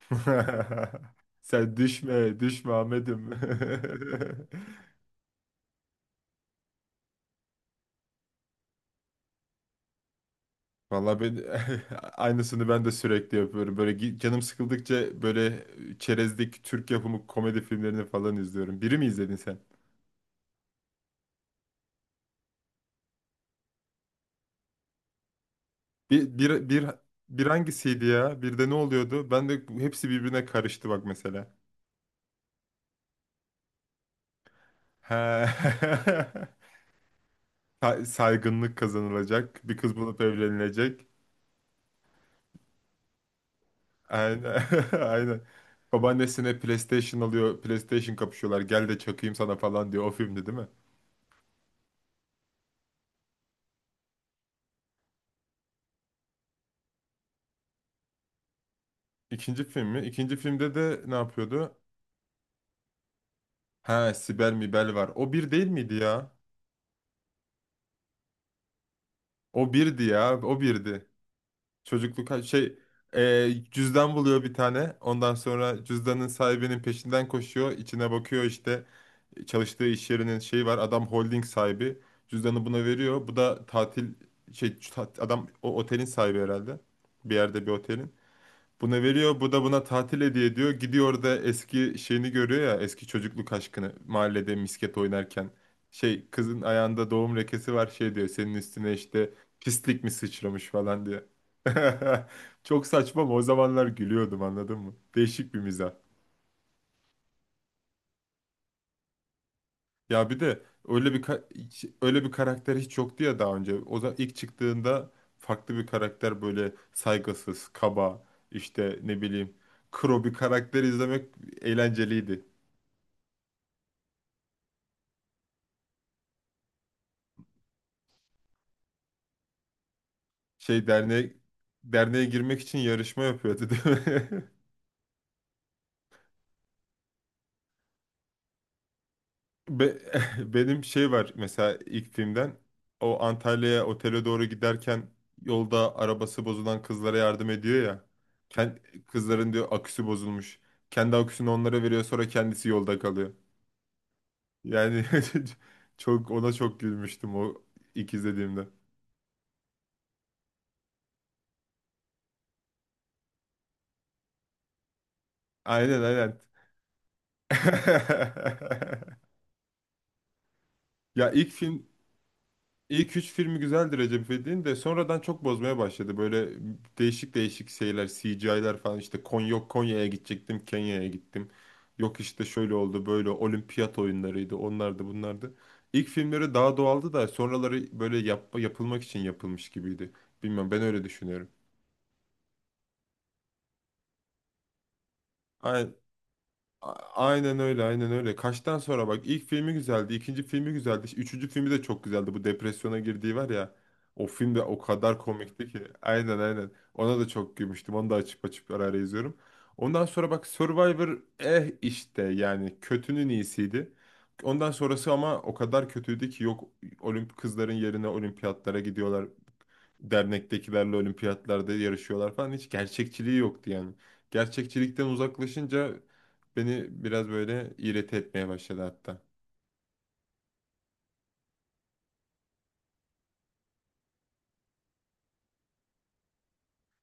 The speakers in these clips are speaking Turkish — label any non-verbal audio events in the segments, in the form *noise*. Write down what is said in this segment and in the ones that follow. *laughs* Sen düşme, düşme Ahmet'im. *laughs* Vallahi ben *laughs* aynısını ben de sürekli yapıyorum. Böyle canım sıkıldıkça böyle çerezlik Türk yapımı komedi filmlerini falan izliyorum. Biri mi izledin sen? Bir, bir, bir, bir hangisiydi ya? Bir de ne oluyordu? Ben de hepsi birbirine karıştı bak mesela. He. *laughs* Saygınlık kazanılacak. Bir kız bulup evlenilecek. Aynen. *laughs* Aynen. Babaannesine PlayStation alıyor. PlayStation kapışıyorlar. Gel de çakayım sana falan diyor. O filmdi değil mi? İkinci film mi? İkinci filmde de ne yapıyordu? Ha, Sibel Mibel var. O bir değil miydi ya? O birdi ya. O birdi. Çocukluk şey, cüzdan buluyor bir tane. Ondan sonra cüzdanın sahibinin peşinden koşuyor. İçine bakıyor işte. Çalıştığı iş yerinin şeyi var. Adam holding sahibi. Cüzdanı buna veriyor. Bu da tatil şey adam o otelin sahibi herhalde. Bir yerde bir otelin. Buna veriyor. Bu da buna tatil hediye ediyor. Gidiyor da eski şeyini görüyor ya. Eski çocukluk aşkını. Mahallede misket oynarken. Şey, kızın ayağında doğum lekesi var, şey diyor, senin üstüne işte pislik mi sıçramış falan diyor. *laughs* Çok saçma ama o zamanlar gülüyordum, anladın mı? Değişik bir mizah. Ya bir de öyle bir öyle bir karakter hiç yoktu ya daha önce. O da ilk çıktığında farklı bir karakter, böyle saygısız, kaba, işte ne bileyim, kro bir karakter izlemek eğlenceliydi. Şey, derneğe girmek için yarışma yapıyordu değil mi? *laughs* Be- *laughs* benim şey var mesela ilk filmden, o Antalya'ya otele doğru giderken yolda arabası bozulan kızlara yardım ediyor ya. Kızların diyor aküsü bozulmuş. Kendi aküsünü onlara veriyor, sonra kendisi yolda kalıyor. Yani *laughs* çok, ona çok gülmüştüm o ilk izlediğimde. Aynen aynen. *laughs* Ya İlk üç filmi güzeldi Recep İvedik'in de, sonradan çok bozmaya başladı. Böyle değişik değişik şeyler, CGI'ler falan, işte Konya, yok Konya'ya gidecektim, Kenya'ya gittim. Yok işte şöyle oldu, böyle olimpiyat oyunlarıydı, onlardı, bunlardı. İlk filmleri daha doğaldı da sonraları böyle yapılmak için yapılmış gibiydi. Bilmem, ben öyle düşünüyorum. Aynen öyle, aynen öyle. Kaçtan sonra bak, ilk filmi güzeldi, ikinci filmi güzeldi, işte üçüncü filmi de çok güzeldi. Bu depresyona girdiği var ya. O film de o kadar komikti ki. Aynen aynen. Ona da çok gülmüştüm. Onu da açıp açıp ara ara izliyorum. Ondan sonra bak Survivor, işte yani kötünün iyisiydi. Ondan sonrası ama o kadar kötüydü ki, yok kızların yerine olimpiyatlara gidiyorlar, dernektekilerle olimpiyatlarda yarışıyorlar falan, hiç gerçekçiliği yoktu yani. Gerçekçilikten uzaklaşınca beni biraz böyle iğreti etmeye başladı hatta.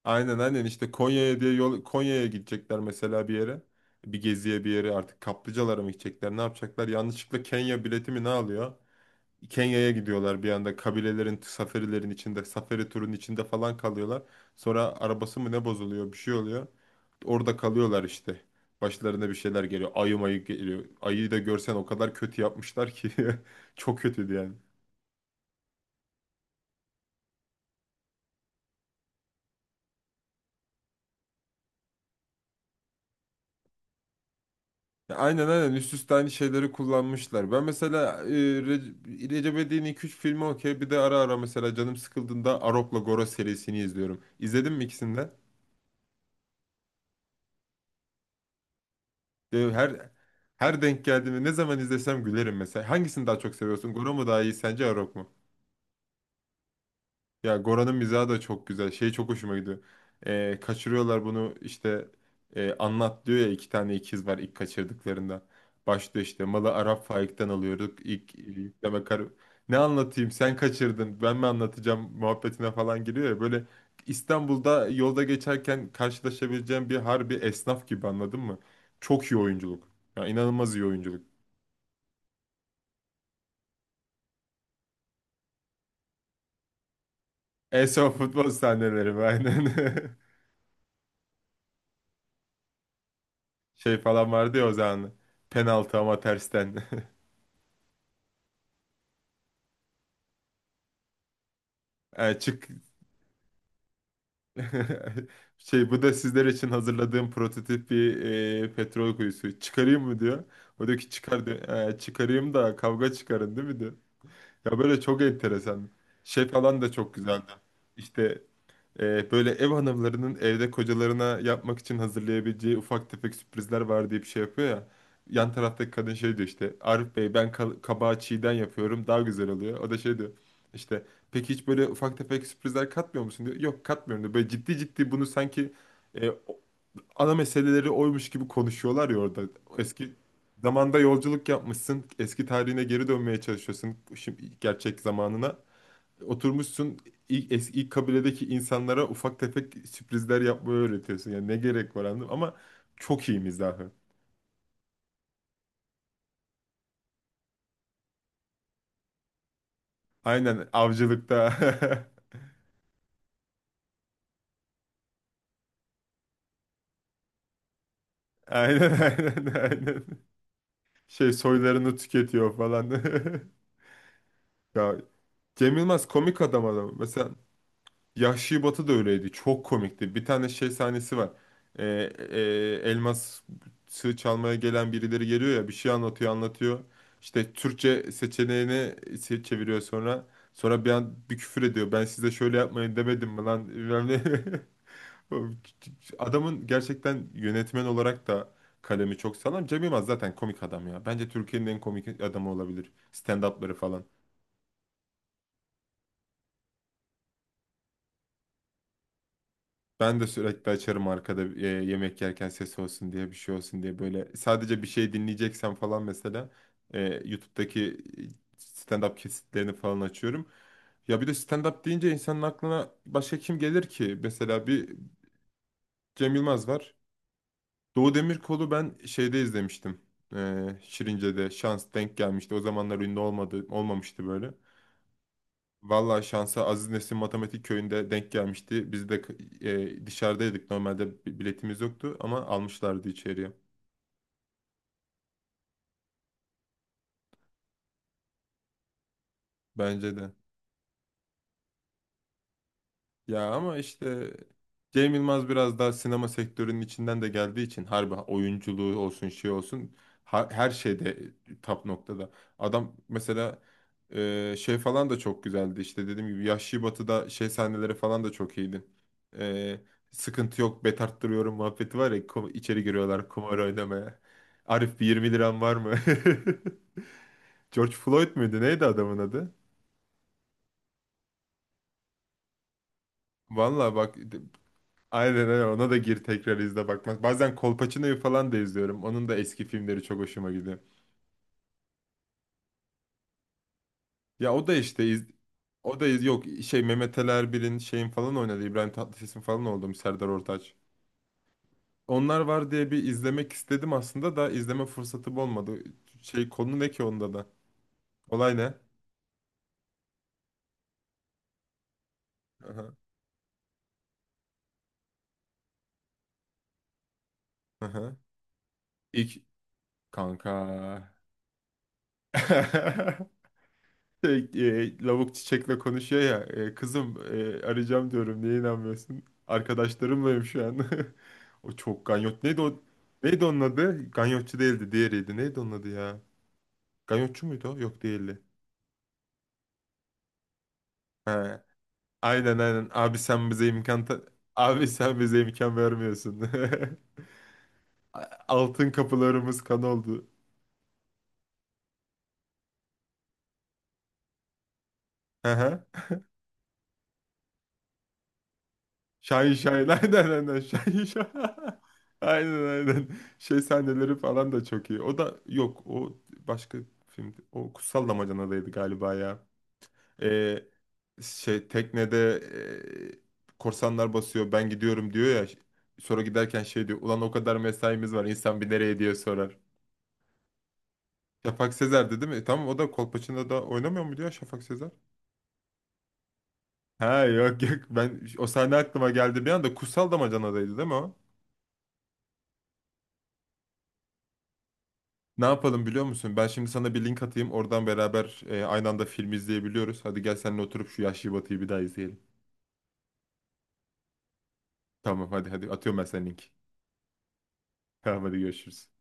Aynen aynen, işte Konya'ya diye, yol Konya'ya gidecekler mesela bir yere. Bir geziye, bir yere, artık kaplıcalara mı gidecekler, ne yapacaklar? Yanlışlıkla Kenya bileti mi ne alıyor? Kenya'ya gidiyorlar, bir anda kabilelerin, safarilerin içinde, safari turun içinde falan kalıyorlar. Sonra arabası mı ne bozuluyor, bir şey oluyor. Orada kalıyorlar işte. Başlarına bir şeyler geliyor. Ayı mayı geliyor. Ayıyı da görsen o kadar kötü yapmışlar ki. *laughs* Çok kötüydü yani. Ya aynen aynen, üst üste aynı şeyleri kullanmışlar. Ben mesela Recep İvedik'in 2-3 filmi okey. Bir de ara ara mesela canım sıkıldığında Arok'la Goro serisini izliyorum. İzledin mi ikisini de? Her her denk geldiğimde, ne zaman izlesem gülerim mesela. Hangisini daha çok seviyorsun? Goro mu daha iyi sence, Arok mu? Ya Gora'nın mizahı da çok güzel. Şey çok hoşuma gidiyor. Kaçırıyorlar bunu işte, anlat diyor ya iki tane ikiz var ilk kaçırdıklarında. Başlıyor işte, malı Arap Faik'ten alıyorduk. İlk yükleme kar... Ne anlatayım, sen kaçırdın ben mi anlatacağım muhabbetine falan giriyor ya. Böyle İstanbul'da yolda geçerken karşılaşabileceğim bir harbi esnaf gibi, anladın mı? Çok iyi oyunculuk. Ya inanılmaz iyi oyunculuk. En son futbol sahneleri aynen. *laughs* Şey falan vardı ya o zaman. Penaltı ama tersten. *laughs* Yani çık. *laughs* Şey, bu da sizler için hazırladığım prototip bir petrol kuyusu, çıkarayım mı diyor. O diyor ki çıkar diyor. Çıkarayım da kavga çıkarın değil mi" diyor. Ya böyle çok enteresan. Şey falan da çok güzeldi. İşte, böyle ev hanımlarının evde kocalarına yapmak için hazırlayabileceği ufak tefek sürprizler var diye bir şey yapıyor ya. Yan taraftaki kadın şey diyor, işte Arif Bey ben kabağı çiğden yapıyorum daha güzel oluyor. O da şey diyor, işte peki hiç böyle ufak tefek sürprizler katmıyor musun diyor. Yok, katmıyorum diyor. Böyle ciddi ciddi bunu sanki e, o- ana meseleleri oymuş gibi konuşuyorlar ya orada. Eski zamanda yolculuk yapmışsın, eski tarihine geri dönmeye çalışıyorsun, şimdi gerçek zamanına oturmuşsun, ilk kabiledeki insanlara ufak tefek sürprizler yapmayı öğretiyorsun. Yani ne gerek var anladım, ama çok iyi mizahı. Aynen, avcılıkta. *laughs* Aynen aynen aynen. Şey, soylarını tüketiyor falan. *laughs* Ya, Cem Yılmaz komik adam. Mesela Yahşi Batı da öyleydi. Çok komikti. Bir tane şey sahnesi var. Ee, e, elmas sığ çalmaya gelen birileri geliyor ya, bir şey anlatıyor anlatıyor. İşte Türkçe seçeneğini çeviriyor sonra. Sonra bir an bir küfür ediyor. Ben size şöyle yapmayın demedim mi lan? Bilmem ne. *laughs* Adamın gerçekten yönetmen olarak da kalemi çok sağlam. Cem Yılmaz zaten komik adam ya. Bence Türkiye'nin en komik adamı olabilir. Stand-up'ları falan. Ben de sürekli açarım arkada, yemek yerken ses olsun diye, bir şey olsun diye, böyle sadece bir şey dinleyeceksem falan mesela YouTube'daki stand-up kesitlerini falan açıyorum. Ya bir de stand-up deyince insanın aklına başka kim gelir ki? Mesela bir Cem Yılmaz var. Doğu Demirkol'u ben şeyde izlemiştim. Şirince'de şans denk gelmişti. O zamanlar ünlü olmadı, olmamıştı böyle. Vallahi şansa Aziz Nesin Matematik Köyü'nde denk gelmişti. Biz de dışarıdaydık. Normalde biletimiz yoktu ama almışlardı içeriye. Bence de. Ya ama işte Cem Yılmaz biraz daha sinema sektörünün içinden de geldiği için harbi, oyunculuğu olsun, şey olsun, her şeyde top noktada. Adam mesela şey falan da çok güzeldi, işte dediğim gibi Yahşi Batı'da şey sahneleri falan da çok iyiydi. E, sıkıntı yok, bet arttırıyorum muhabbeti var ya, içeri giriyorlar kumar oynamaya. Arif, bir 20 liran var mı? *laughs* George Floyd muydu neydi adamın adı? Vallahi bak, aynen öyle, ona da gir tekrar izle bakmak. Bazen Kolpaçino'yu falan da izliyorum. Onun da eski filmleri çok hoşuma gidiyor. Ya o da işte yok şey, Mehmet Ali Erbil'in, şeyin falan oynadı. İbrahim Tatlıses'in falan oldu, Serdar Ortaç. Onlar var diye bir izlemek istedim aslında, da izleme fırsatım olmadı. Şey, konu ne ki onda da? Olay ne? Aha, aha. İlk, kanka. *laughs* Şey, lavuk çiçekle konuşuyor ya. Kızım arayacağım diyorum, niye inanmıyorsun? Arkadaşlarımlayım şu an. *laughs* O çok ganyot. Neydi o? Neydi onun adı? Ganyotçu değildi. Diğeriydi. Neydi onun adı ya? Ganyotçu muydu o? Yok, değildi. He. Aynen aynen. Abi sen bize imkan abi sen bize imkan vermiyorsun. *laughs* Altın kapılarımız kan oldu. Hı hı. Şahin Şahin. *laughs* Aynen aynen. Şahin Şahin. *laughs* Aynen aynen. Şey sahneleri falan da çok iyi. O da yok. O başka filmdi. O Kutsal Damacana'daydı galiba ya. e, Şey, teknede korsanlar basıyor, ben gidiyorum diyor ya, sonra giderken şey diyor, ulan o kadar mesaimiz var, insan bir nereye diye sorar. Şafak Sezer'di değil mi? Tamam, o da Kolpaçino'da da oynamıyor muydu ya, Şafak Sezer? Ha yok yok, ben o sahne aklıma geldi bir anda, Kutsal Damacana'daydı değil mi o? Ne yapalım biliyor musun? Ben şimdi sana bir link atayım, oradan beraber aynı anda film izleyebiliyoruz. Hadi gel, seninle oturup şu Yahşi Batı'yı bir daha izleyelim. Tamam hadi, hadi atıyorum ben sana linki. Tamam hadi görüşürüz.